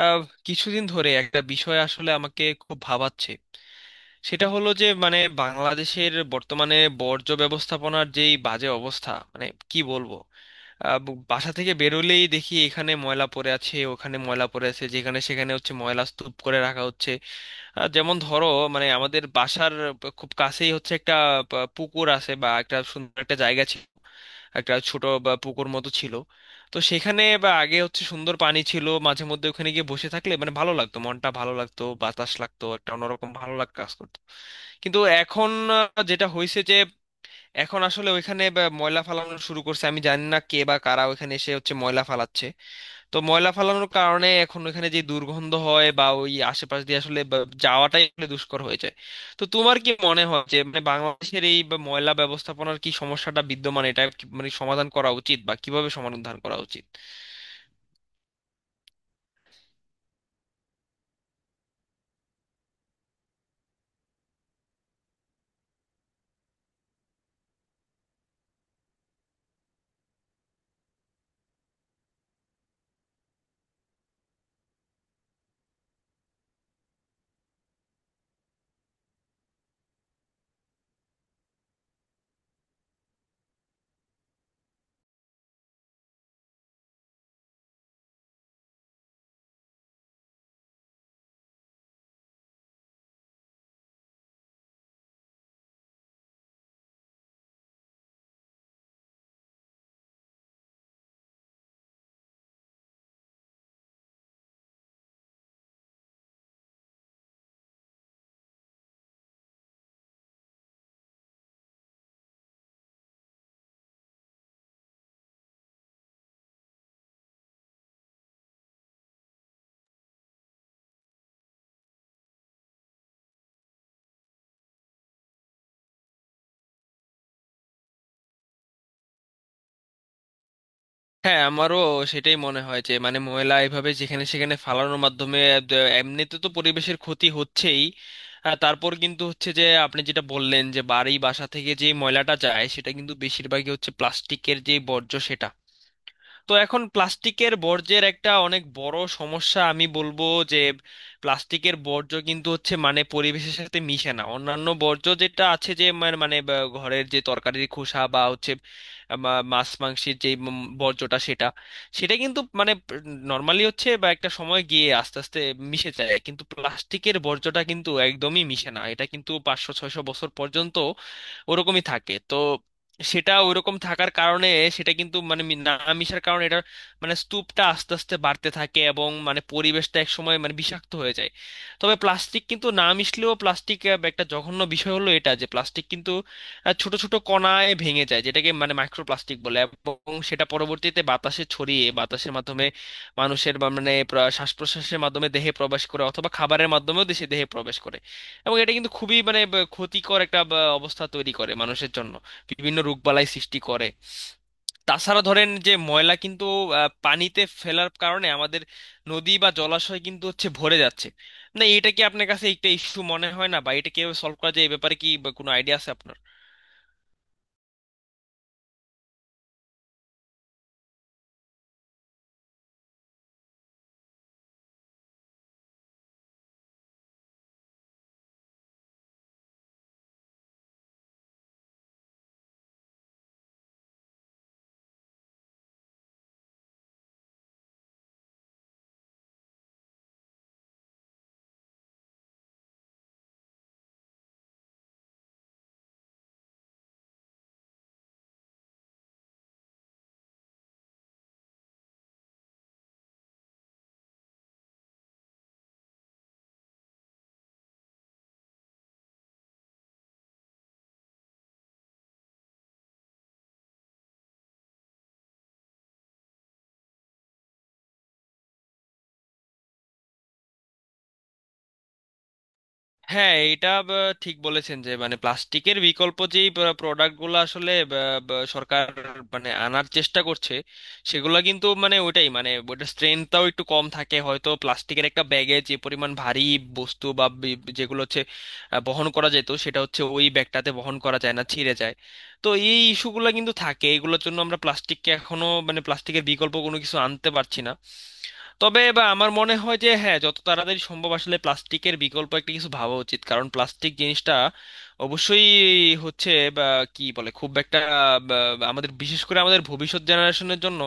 আহ, কিছুদিন ধরে একটা বিষয় আসলে আমাকে খুব ভাবাচ্ছে। সেটা হলো যে মানে বাংলাদেশের বর্তমানে বর্জ্য ব্যবস্থাপনার যেই বাজে অবস্থা, মানে কি বলবো, বাসা থেকে বেরোলেই দেখি এখানে ময়লা পড়ে আছে, ওখানে ময়লা পড়ে আছে, যেখানে সেখানে হচ্ছে ময়লা স্তূপ করে রাখা হচ্ছে। যেমন ধরো, মানে আমাদের বাসার খুব কাছেই হচ্ছে একটা পুকুর আছে বা একটা সুন্দর একটা জায়গা ছিল, একটা ছোট বা পুকুর মতো ছিল। তো সেখানে বা আগে হচ্ছে সুন্দর পানি ছিল, মাঝে মধ্যে ওখানে গিয়ে বসে থাকলে মানে ভালো লাগতো, মনটা ভালো লাগতো, বাতাস লাগতো, একটা অন্যরকম ভালো লাগা কাজ করতো। কিন্তু এখন যেটা হয়েছে যে এখন আসলে ওইখানে বা ময়লা ফালানো শুরু করছে, আমি জানি না কে বা কারা ওইখানে এসে হচ্ছে ময়লা ফালাচ্ছে। তো ময়লা ফালানোর কারণে এখন ওখানে যে দুর্গন্ধ হয় বা ওই আশেপাশ দিয়ে আসলে যাওয়াটাই আসলে দুষ্কর হয়ে যায়। তো তোমার কি মনে হয় যে মানে বাংলাদেশের এই বা ময়লা ব্যবস্থাপনার কি সমস্যাটা বিদ্যমান, এটা কি মানে সমাধান করা উচিত বা কিভাবে সমাধান করা উচিত? হ্যাঁ, আমারও সেটাই মনে হয় যে মানে ময়লা এভাবে যেখানে সেখানে ফালানোর মাধ্যমে এমনিতে তো পরিবেশের ক্ষতি হচ্ছেই। তারপর কিন্তু হচ্ছে যে আপনি যেটা বললেন যে বাড়ি বাসা থেকে যে ময়লাটা যায় সেটা কিন্তু বেশিরভাগই হচ্ছে প্লাস্টিকের যে বর্জ্য সেটা। তো এখন প্লাস্টিকের বর্জ্যের একটা অনেক বড় সমস্যা আমি বলবো, যে প্লাস্টিকের বর্জ্য কিন্তু হচ্ছে মানে পরিবেশের সাথে মিশে না। অন্যান্য বর্জ্য যেটা আছে, যে মানে মানে বা ঘরের যে তরকারির খোসা বা হচ্ছে মাছ মাংসের যে বর্জ্যটা সেটা, সেটা কিন্তু মানে নর্মালি হচ্ছে বা একটা সময় গিয়ে আস্তে আস্তে মিশে যায়, কিন্তু প্লাস্টিকের বর্জ্যটা কিন্তু একদমই মিশে না। এটা কিন্তু 500 600 বছর পর্যন্ত ওরকমই থাকে। তো সেটা ওইরকম থাকার কারণে, সেটা কিন্তু মানে মি- না মিশার কারণে এটা মানে স্তূপটা আস্তে আস্তে বাড়তে থাকে এবং মানে পরিবেশটা এক সময় মানে বিষাক্ত হয়ে যায়। তবে প্লাস্টিক কিন্তু না মিশলেও প্লাস্টিক একটা জঘন্য বিষয় হলো এটা, যে প্লাস্টিক কিন্তু ছোট ছোট কণায় ভেঙে যায়, যেটাকে মানে মাইক্রোপ্লাস্টিক বলে, এবং সেটা পরবর্তীতে বাতাসে ছড়িয়ে বাতাসের মাধ্যমে মানুষের বা মানে শ্বাস প্রশ্বাসের মাধ্যমে দেহে প্রবেশ করে, অথবা খাবারের মাধ্যমেও দেশে দেহে প্রবেশ করে। এবং এটা কিন্তু খুবই মানে ক্ষতিকর একটা অবস্থা তৈরি করে মানুষের জন্য, বিভিন্ন রোগবালাই সৃষ্টি করে। তাছাড়া ধরেন যে ময়লা কিন্তু পানিতে ফেলার কারণে আমাদের নদী বা জলাশয় কিন্তু হচ্ছে ভরে যাচ্ছে। না, এটা কি আপনার কাছে একটা ইস্যু মনে হয় না, বা এটা কিভাবে সলভ করা যায় এই ব্যাপারে কি বা কোনো আইডিয়া আছে আপনার? হ্যাঁ, ঠিক বলেছেন যে মানে প্লাস্টিকের বিকল্প যেই প্রোডাক্টগুলো আসলে সরকার মানে আনার চেষ্টা করছে, সেগুলো কিন্তু মানে ওইটাই মানে ওইটার স্ট্রেংথটাও একটু কম থাকে। হয়তো প্লাস্টিকের একটা ব্যাগে যে পরিমাণ ভারী বস্তু বা যেগুলো হচ্ছে বহন করা যেত, সেটা হচ্ছে ওই ব্যাগটাতে বহন করা যায় না, ছিঁড়ে যায়। তো এই ইস্যুগুলো কিন্তু থাকে, এগুলোর জন্য আমরা প্লাস্টিককে এখনো মানে প্লাস্টিকের বিকল্প কোনো কিছু আনতে পারছি না। তবে বা আমার মনে হয় যে হ্যাঁ, যত তাড়াতাড়ি সম্ভব আসলে প্লাস্টিকের বিকল্প একটা কিছু ভাবা উচিত, কারণ প্লাস্টিক জিনিসটা অবশ্যই হচ্ছে বা কি বলে খুব একটা বা, আমাদের, বিশেষ করে আমাদের ভবিষ্যৎ জেনারেশনের জন্য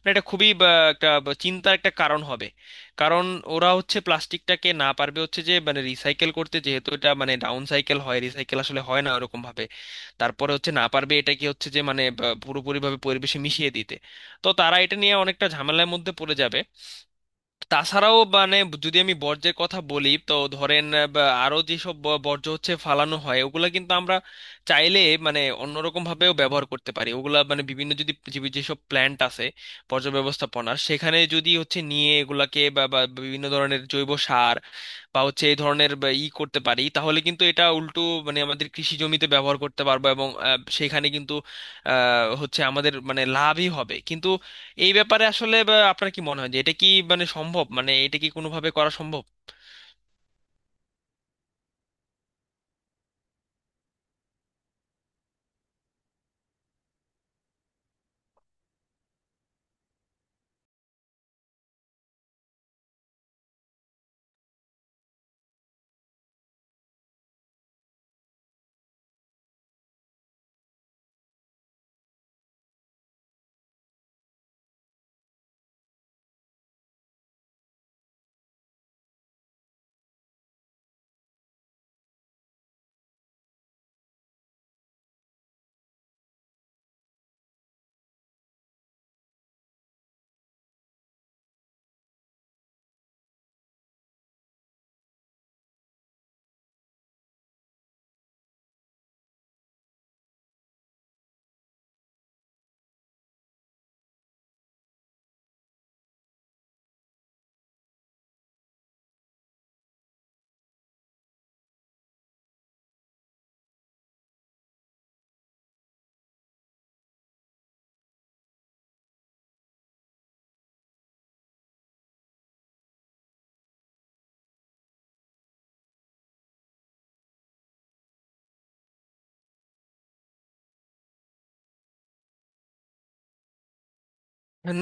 মানে এটা খুবই একটা চিন্তার একটা কারণ হবে। কারণ ওরা হচ্ছে প্লাস্টিকটাকে না পারবে হচ্ছে যে মানে রিসাইকেল করতে, যেহেতু এটা মানে ডাউন সাইকেল হয়, রিসাইকেল আসলে হয় না ওরকম ভাবে। তারপরে হচ্ছে না পারবে এটাকে হচ্ছে যে মানে পুরোপুরিভাবে পরিবেশে মিশিয়ে দিতে। তো তারা এটা নিয়ে অনেকটা ঝামেলার মধ্যে পড়ে যাবে। তাছাড়াও মানে যদি আমি বর্জ্যের কথা বলি, তো ধরেন বা আরো যেসব বর্জ্য হচ্ছে ফালানো হয়, ওগুলা কিন্তু আমরা চাইলে মানে অন্যরকম ভাবেও ব্যবহার করতে পারি। ওগুলা মানে বিভিন্ন, যদি পৃথিবীর যেসব প্ল্যান্ট আছে বর্জ্য ব্যবস্থাপনার, সেখানে যদি হচ্ছে নিয়ে এগুলাকে বা বা বিভিন্ন ধরনের জৈব সার বা হচ্ছে এই ধরনের বা ই করতে পারি, তাহলে কিন্তু এটা উল্টো মানে আমাদের কৃষি জমিতে ব্যবহার করতে পারবো, এবং সেখানে কিন্তু হচ্ছে আমাদের মানে লাভই হবে। কিন্তু এই ব্যাপারে আসলে আপনার কি মনে হয় যে এটা কি মানে সম্ভব, মানে এটা কি কোনোভাবে করা সম্ভব?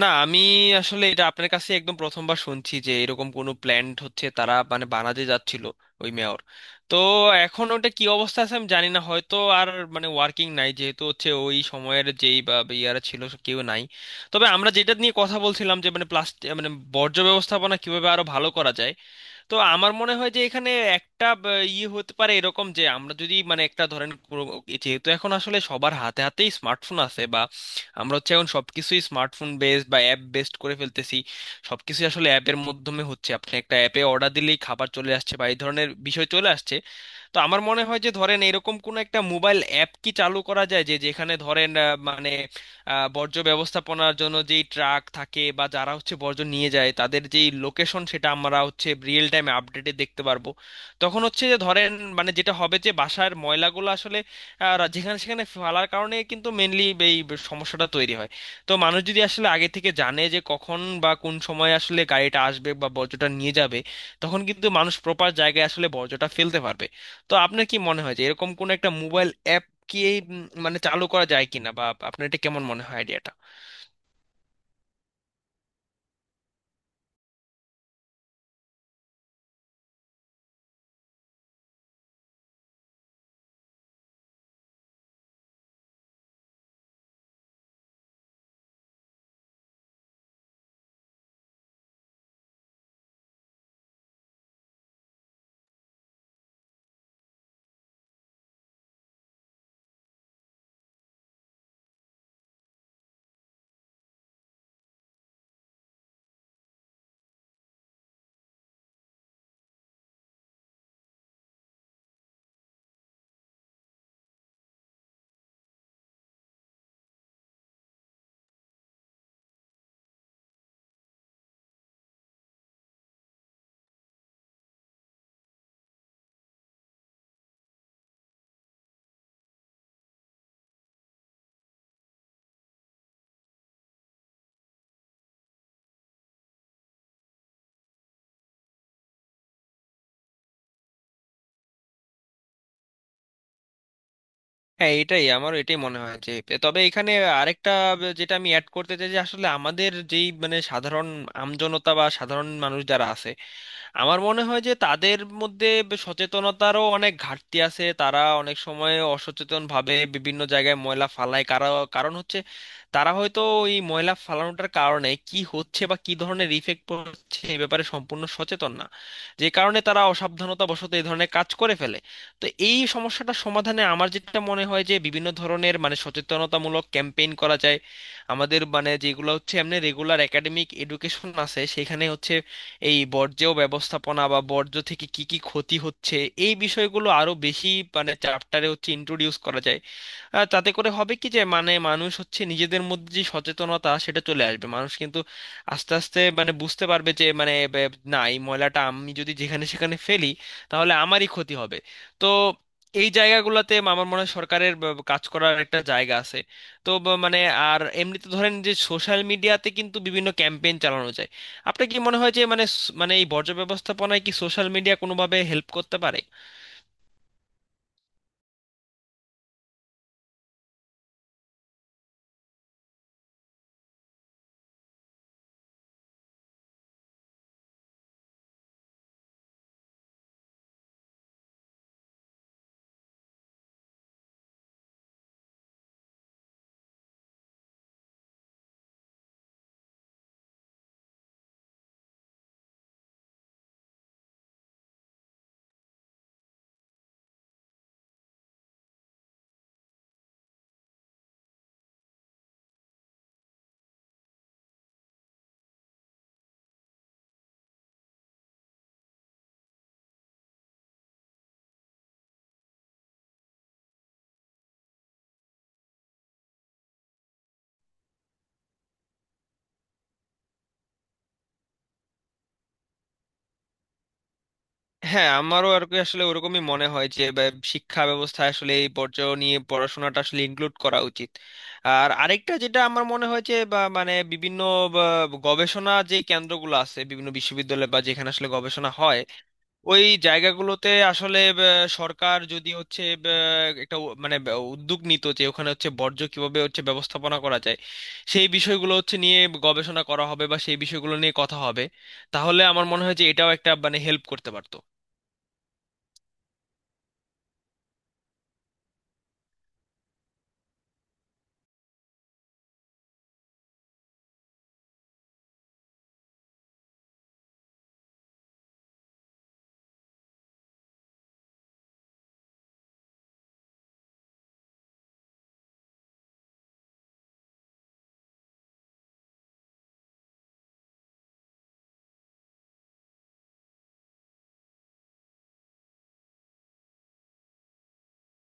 না, আমি আসলে এটা আপনার কাছে একদম প্রথমবার শুনছি যে এরকম কোনো প্ল্যান্ট হচ্ছে তারা মানে বানাতে যাচ্ছিল ওই মেয়র। তো এখন ওটা কি অবস্থা আছে আমি জানি না, হয়তো আর মানে ওয়ার্কিং নাই যেহেতু হচ্ছে ওই সময়ের যেই বা বা ইয়ারা ছিল সব কেউ নাই। তবে আমরা যেটা নিয়ে কথা বলছিলাম যে মানে প্লাস্টিক মানে বর্জ্য ব্যবস্থাপনা কিভাবে আরো ভালো করা যায়, তো আমার মনে হয় যে এখানে একটা ইয়ে হতে পারে এরকম যে আমরা যদি মানে একটা ধরেন যেহেতু এখন আসলে সবার হাতে হাতেই স্মার্টফোন আছে বা আমরা হচ্ছে এখন সবকিছুই স্মার্টফোন বেসড বা অ্যাপ বেসড করে ফেলতেছি। সবকিছুই আসলে অ্যাপের মাধ্যমে হচ্ছে, আপনি একটা অ্যাপে অর্ডার দিলেই খাবার চলে আসছে বা এই ধরনের বিষয় চলে আসছে। তো আমার মনে হয় যে ধরেন এরকম কোন একটা মোবাইল অ্যাপ কি চালু করা যায়, যে যেখানে ধরেন বর্জ্য ব্যবস্থাপনার জন্য যেই ট্রাক থাকে বা যারা হচ্ছে বর্জ্য নিয়ে যায় তাদের যেই লোকেশন, সেটা আমরা হচ্ছে রিয়েল টাইমে আপডেটে দেখতে পারবো। তখন হচ্ছে যে ধরেন মানে যেটা হবে যে বাসার ময়লাগুলো আসলে যেখানে সেখানে ফেলার কারণে কিন্তু মেনলি এই সমস্যাটা তৈরি হয়। তো মানুষ যদি আসলে আগে থেকে জানে যে কখন বা কোন সময় আসলে গাড়িটা আসবে বা বর্জ্যটা নিয়ে যাবে, তখন কিন্তু মানুষ প্রপার জায়গায় আসলে বর্জ্যটা ফেলতে পারবে। তো আপনার কি মনে হয় যে এরকম কোন একটা মোবাইল অ্যাপ কি এই মানে চালু করা যায় কিনা, বা আপনার এটা কেমন মনে হয় আইডিয়াটা? হ্যাঁ, এটাই আমারও এটাই মনে হয় যে, তবে এখানে আরেকটা যেটা আমি অ্যাড করতে চাই, যে আসলে আমাদের যেই মানে সাধারণ আমজনতা বা সাধারণ মানুষ যারা আছে, আমার মনে হয় যে তাদের মধ্যে সচেতনতারও অনেক ঘাটতি আছে। তারা অনেক সময় অসচেতন ভাবে বিভিন্ন জায়গায় ময়লা ফালায়, কারণ হচ্ছে তারা হয়তো এই ময়লা ফালানোটার কারণে কি হচ্ছে বা কি ধরনের ইফেক্ট পড়ছে এই ব্যাপারে সম্পূর্ণ সচেতন না। যে কারণে তারা অসাবধানতা বশত এই ধরনের কাজ করে ফেলে। তো এই সমস্যাটা সমাধানে আমার যেটা মনে হয় যে বিভিন্ন ধরনের মানে সচেতনতামূলক ক্যাম্পেইন করা যায়। আমাদের মানে যেগুলো হচ্ছে এমনি রেগুলার একাডেমিক এডুকেশন আছে, সেখানে হচ্ছে এই বর্জ্য ব্যবস্থাপনা বা বর্জ্য থেকে কি কি ক্ষতি হচ্ছে এই বিষয়গুলো আরো বেশি মানে চ্যাপ্টারে হচ্ছে ইন্ট্রোডিউস করা যায়। তাতে করে হবে কি যে মানে মানুষ হচ্ছে নিজেদের মধ্যে যে সচেতনতা সেটা চলে আসবে, মানুষ কিন্তু আস্তে আস্তে মানে বুঝতে পারবে যে মানে বে- না এই ময়লাটা আমি যদি যেখানে সেখানে ফেলি তাহলে আমারই ক্ষতি হবে। তো এই জায়গাগুলোতে আমার মনে হয় সরকারের কাজ করার একটা জায়গা আছে। তো ব- মানে আর এমনিতে ধরেন যে সোশ্যাল মিডিয়াতে কিন্তু বিভিন্ন ক্যাম্পেইন চালানো যায়। আপনার কি মনে হয় যে মানে মানে এই বর্জ্য ব্যবস্থাপনায় কি সোশ্যাল মিডিয়া কোনোভাবে হেল্প করতে পারে? হ্যাঁ, আমারও আর কি আসলে ওরকমই মনে হয় যে শিক্ষা ব্যবস্থায় আসলে এই পর্যায়ে নিয়ে পড়াশোনাটা আসলে ইনক্লুড করা উচিত। আর আরেকটা যেটা আমার মনে হয় যে বা মানে বিভিন্ন বা, গবেষণা যে কেন্দ্রগুলো আছে বিভিন্ন বিশ্ববিদ্যালয় বা যেখানে আসলে গবেষণা হয়, ওই জায়গাগুলোতে আসলে সরকার যদি হচ্ছে একটা উদ্যোগ নিত যে ওখানে হচ্ছে বর্জ্য কিভাবে হচ্ছে ব্যবস্থাপনা করা যায়, সেই বিষয়গুলো হচ্ছে নিয়ে গবেষণা করা হবে বা সেই বিষয়গুলো নিয়ে কথা হবে, তাহলে আমার মনে হয় যে এটাও একটা মানে হেল্প করতে পারতো।